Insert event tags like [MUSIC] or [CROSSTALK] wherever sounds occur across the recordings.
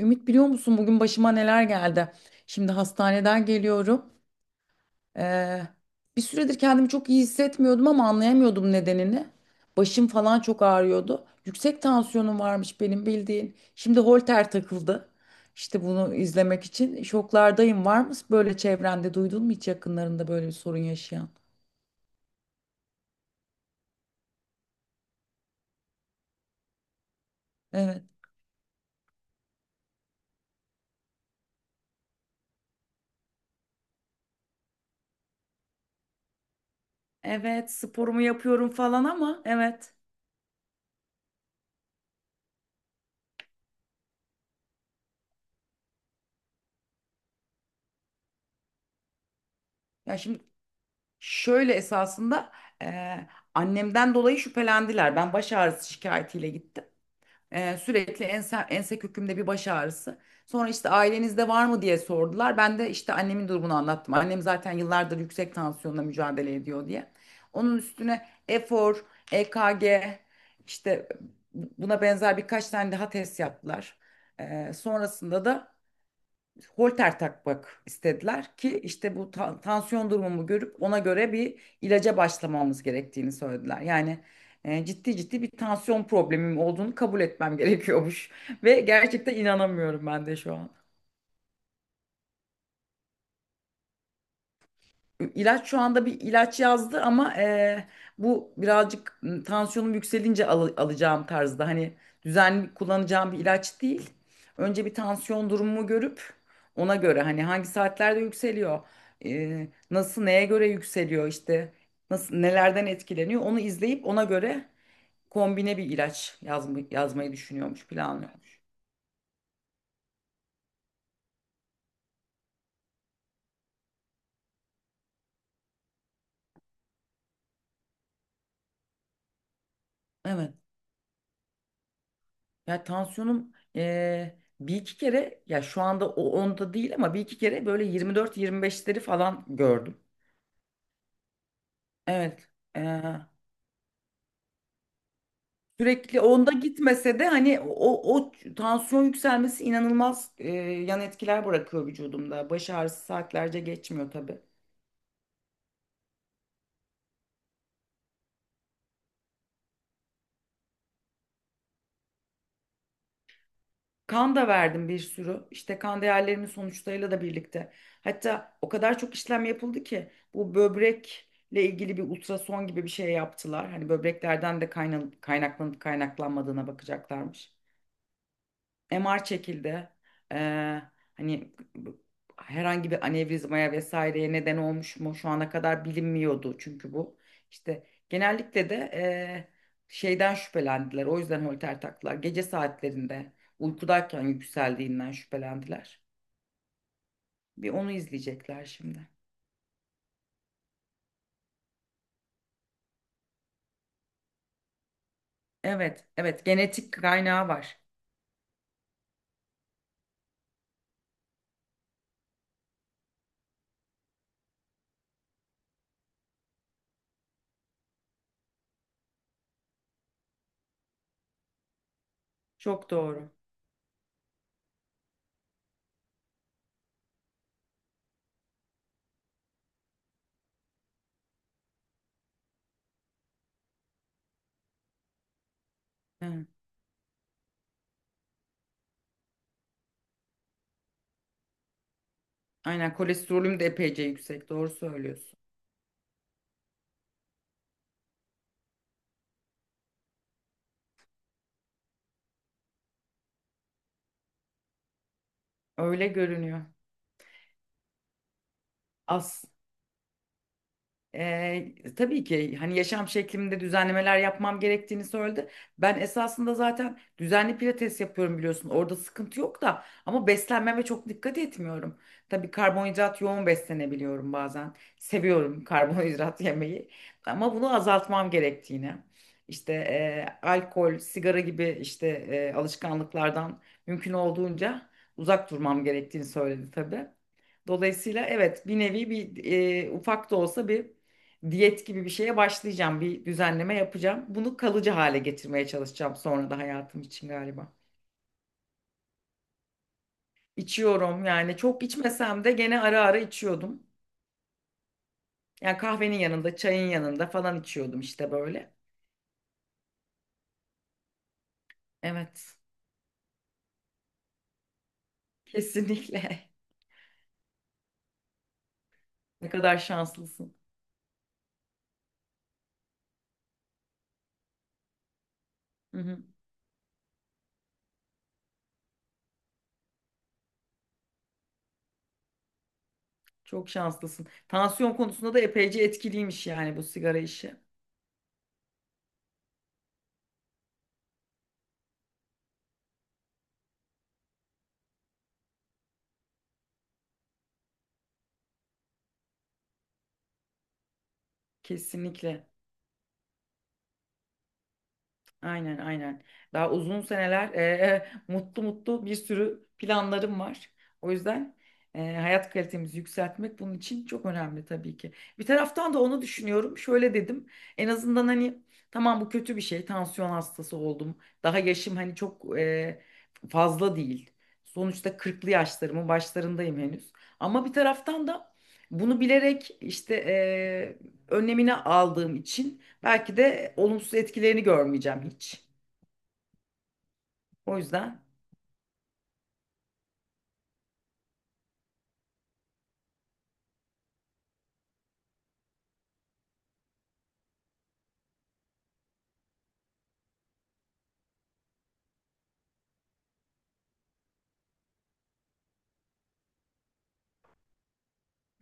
Ümit biliyor musun bugün başıma neler geldi? Şimdi hastaneden geliyorum. Ee, Bir süredir kendimi çok iyi hissetmiyordum ama anlayamıyordum nedenini. Başım falan çok ağrıyordu. Yüksek tansiyonum varmış benim bildiğin. Şimdi holter takıldı. İşte bunu izlemek için şoklardayım. Var mı böyle çevrende duydun mu hiç yakınlarında böyle bir sorun yaşayan? Evet. Evet, sporumu yapıyorum falan ama evet. Ya şimdi Şöyle esasında annemden dolayı şüphelendiler. Ben baş ağrısı şikayetiyle gittim. Sürekli ense kökümde bir baş ağrısı. Sonra işte ailenizde var mı diye sordular. Ben de işte annemin durumunu anlattım. Annem zaten yıllardır yüksek tansiyonla mücadele ediyor diye. Onun üstüne efor, EKG işte buna benzer birkaç tane daha test yaptılar. Sonrasında da holter takmak istediler ki işte bu tansiyon durumumu görüp ona göre bir ilaca başlamamız gerektiğini söylediler. Yani ciddi ciddi bir tansiyon problemim olduğunu kabul etmem gerekiyormuş [LAUGHS] ve gerçekten inanamıyorum ben de şu an. İlaç şu anda bir ilaç yazdı ama bu birazcık tansiyonum yükselince alacağım tarzda hani düzenli kullanacağım bir ilaç değil. Önce bir tansiyon durumumu görüp ona göre hani hangi saatlerde yükseliyor, nasıl neye göre yükseliyor işte nasıl nelerden etkileniyor onu izleyip ona göre kombine bir ilaç yazmayı düşünüyormuş, planlıyormuş. Evet. Ya tansiyonum bir iki kere ya şu anda onda değil ama bir iki kere böyle 24-25'leri falan gördüm. Evet. eee, Sürekli onda gitmese de hani o tansiyon yükselmesi inanılmaz yan etkiler bırakıyor vücudumda. Baş ağrısı saatlerce geçmiyor tabii. Kan da verdim bir sürü. İşte kan değerlerimin sonuçlarıyla da birlikte. Hatta o kadar çok işlem yapıldı ki bu böbrekle ilgili bir ultrason gibi bir şey yaptılar. Hani böbreklerden de kaynaklanıp kaynaklanmadığına bakacaklarmış. MR çekildi. Ee, hani herhangi bir anevrizmaya vesaireye neden olmuş mu şu ana kadar bilinmiyordu çünkü bu. İşte genellikle de şeyden şüphelendiler. O yüzden holter taktılar. Gece saatlerinde uykudayken yükseldiğinden şüphelendiler. Bir onu izleyecekler şimdi. Evet, evet genetik kaynağı var. Çok doğru. Hı. Aynen, kolesterolüm de epeyce yüksek. Doğru söylüyorsun. Öyle görünüyor. Az. Tabii ki hani yaşam şeklimde düzenlemeler yapmam gerektiğini söyledi. Ben esasında zaten düzenli pilates yapıyorum biliyorsun. Orada sıkıntı yok da ama beslenmeme çok dikkat etmiyorum. Tabii karbonhidrat yoğun beslenebiliyorum bazen. Seviyorum karbonhidrat [LAUGHS] yemeyi ama bunu azaltmam gerektiğini. İşte alkol, sigara gibi işte alışkanlıklardan mümkün olduğunca uzak durmam gerektiğini söyledi tabii. Dolayısıyla evet, bir nevi bir ufak da olsa bir diyet gibi bir şeye başlayacağım. Bir düzenleme yapacağım. Bunu kalıcı hale getirmeye çalışacağım sonra da hayatım için galiba. İçiyorum yani, çok içmesem de gene ara ara içiyordum. Yani kahvenin yanında, çayın yanında falan içiyordum işte böyle. Evet, kesinlikle. [LAUGHS] Ne kadar şanslısın. Hı hı, çok şanslısın. Tansiyon konusunda da epeyce etkiliymiş yani bu sigara işi. Kesinlikle. Aynen aynen. Daha uzun seneler mutlu mutlu bir sürü planlarım var. O yüzden hayat kalitemizi yükseltmek bunun için çok önemli tabii ki. Bir taraftan da onu düşünüyorum. Şöyle dedim. En azından hani tamam, bu kötü bir şey. Tansiyon hastası oldum. Daha yaşım hani çok fazla değil. Sonuçta kırklı yaşlarımın başlarındayım henüz. Ama bir taraftan da bunu bilerek işte önlemini aldığım için belki de olumsuz etkilerini görmeyeceğim hiç. O yüzden.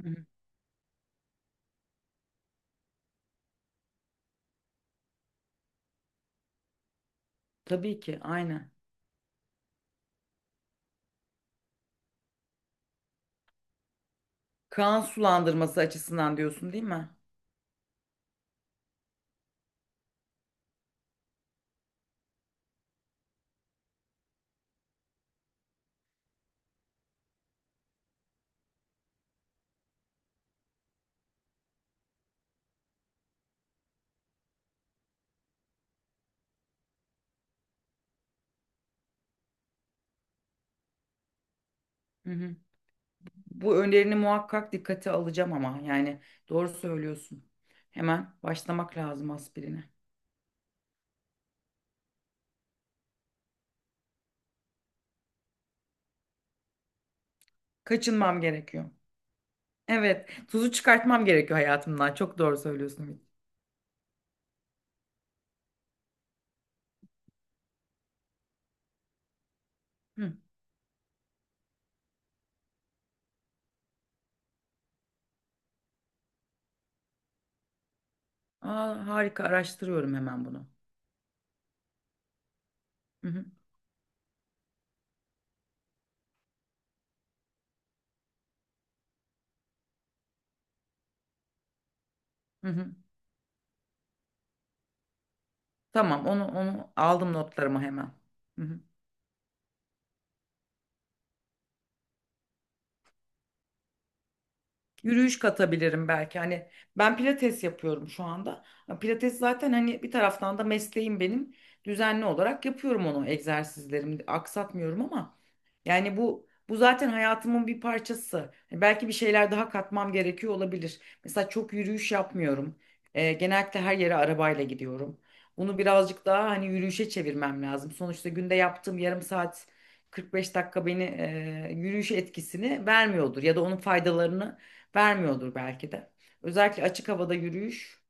Hı hı. Tabii ki aynen. Kan sulandırması açısından diyorsun değil mi? Hı hı. Bu önerini muhakkak dikkate alacağım ama yani doğru söylüyorsun. Hemen başlamak lazım aspirine. Kaçınmam gerekiyor. Evet, tuzu çıkartmam gerekiyor hayatımdan. Çok doğru söylüyorsun, Ümit. Hı. Aa, harika, araştırıyorum hemen bunu. Hı hı. Hı hı. Tamam, onu aldım notlarıma hemen. Hı hı. Yürüyüş katabilirim belki. Hani ben pilates yapıyorum şu anda. Pilates zaten hani bir taraftan da mesleğim benim. Düzenli olarak yapıyorum onu, egzersizlerimi aksatmıyorum ama yani bu zaten hayatımın bir parçası. Hani belki bir şeyler daha katmam gerekiyor olabilir. Mesela çok yürüyüş yapmıyorum. Genellikle her yere arabayla gidiyorum. Bunu birazcık daha hani yürüyüşe çevirmem lazım. Sonuçta günde yaptığım yarım saat 45 dakika beni yürüyüş etkisini vermiyordur ya da onun faydalarını vermiyordur belki de. Özellikle açık havada yürüyüş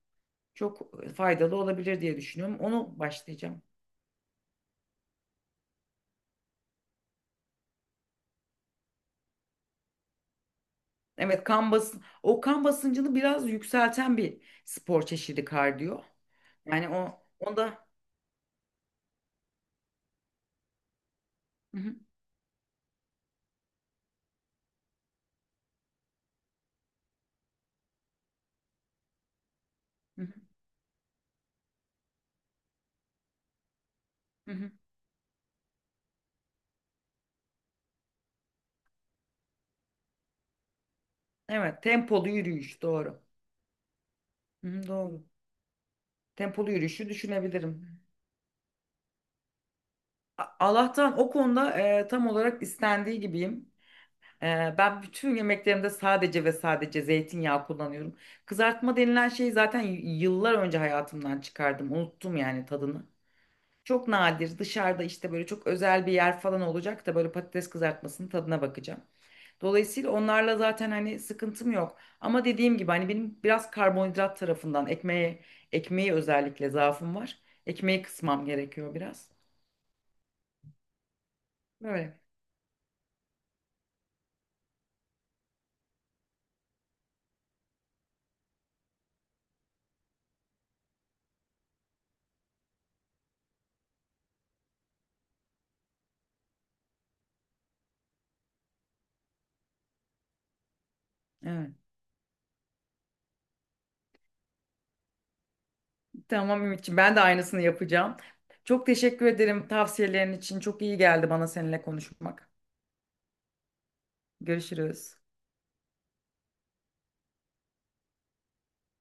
çok faydalı olabilir diye düşünüyorum. Onu başlayacağım. Evet, kan basın o kan basıncını biraz yükselten bir spor çeşidi kardiyo. Yani onda. Hı hı, hı hı, hı hı. Evet, tempolu yürüyüş, doğru. Hı hı, doğru. Tempolu yürüyüşü düşünebilirim. Allah'tan o konuda tam olarak istendiği gibiyim. Ben bütün yemeklerimde sadece ve sadece zeytinyağı kullanıyorum. Kızartma denilen şeyi zaten yıllar önce hayatımdan çıkardım. Unuttum yani tadını. Çok nadir dışarıda işte böyle çok özel bir yer falan olacak da böyle patates kızartmasının tadına bakacağım. Dolayısıyla onlarla zaten hani sıkıntım yok. Ama dediğim gibi hani benim biraz karbonhidrat tarafından ekmeği özellikle zaafım var. Ekmeği kısmam gerekiyor biraz. Böyle. Evet. Tamam Ümitciğim, ben de aynısını yapacağım. Çok teşekkür ederim tavsiyelerin için. Çok iyi geldi bana seninle konuşmak. Görüşürüz.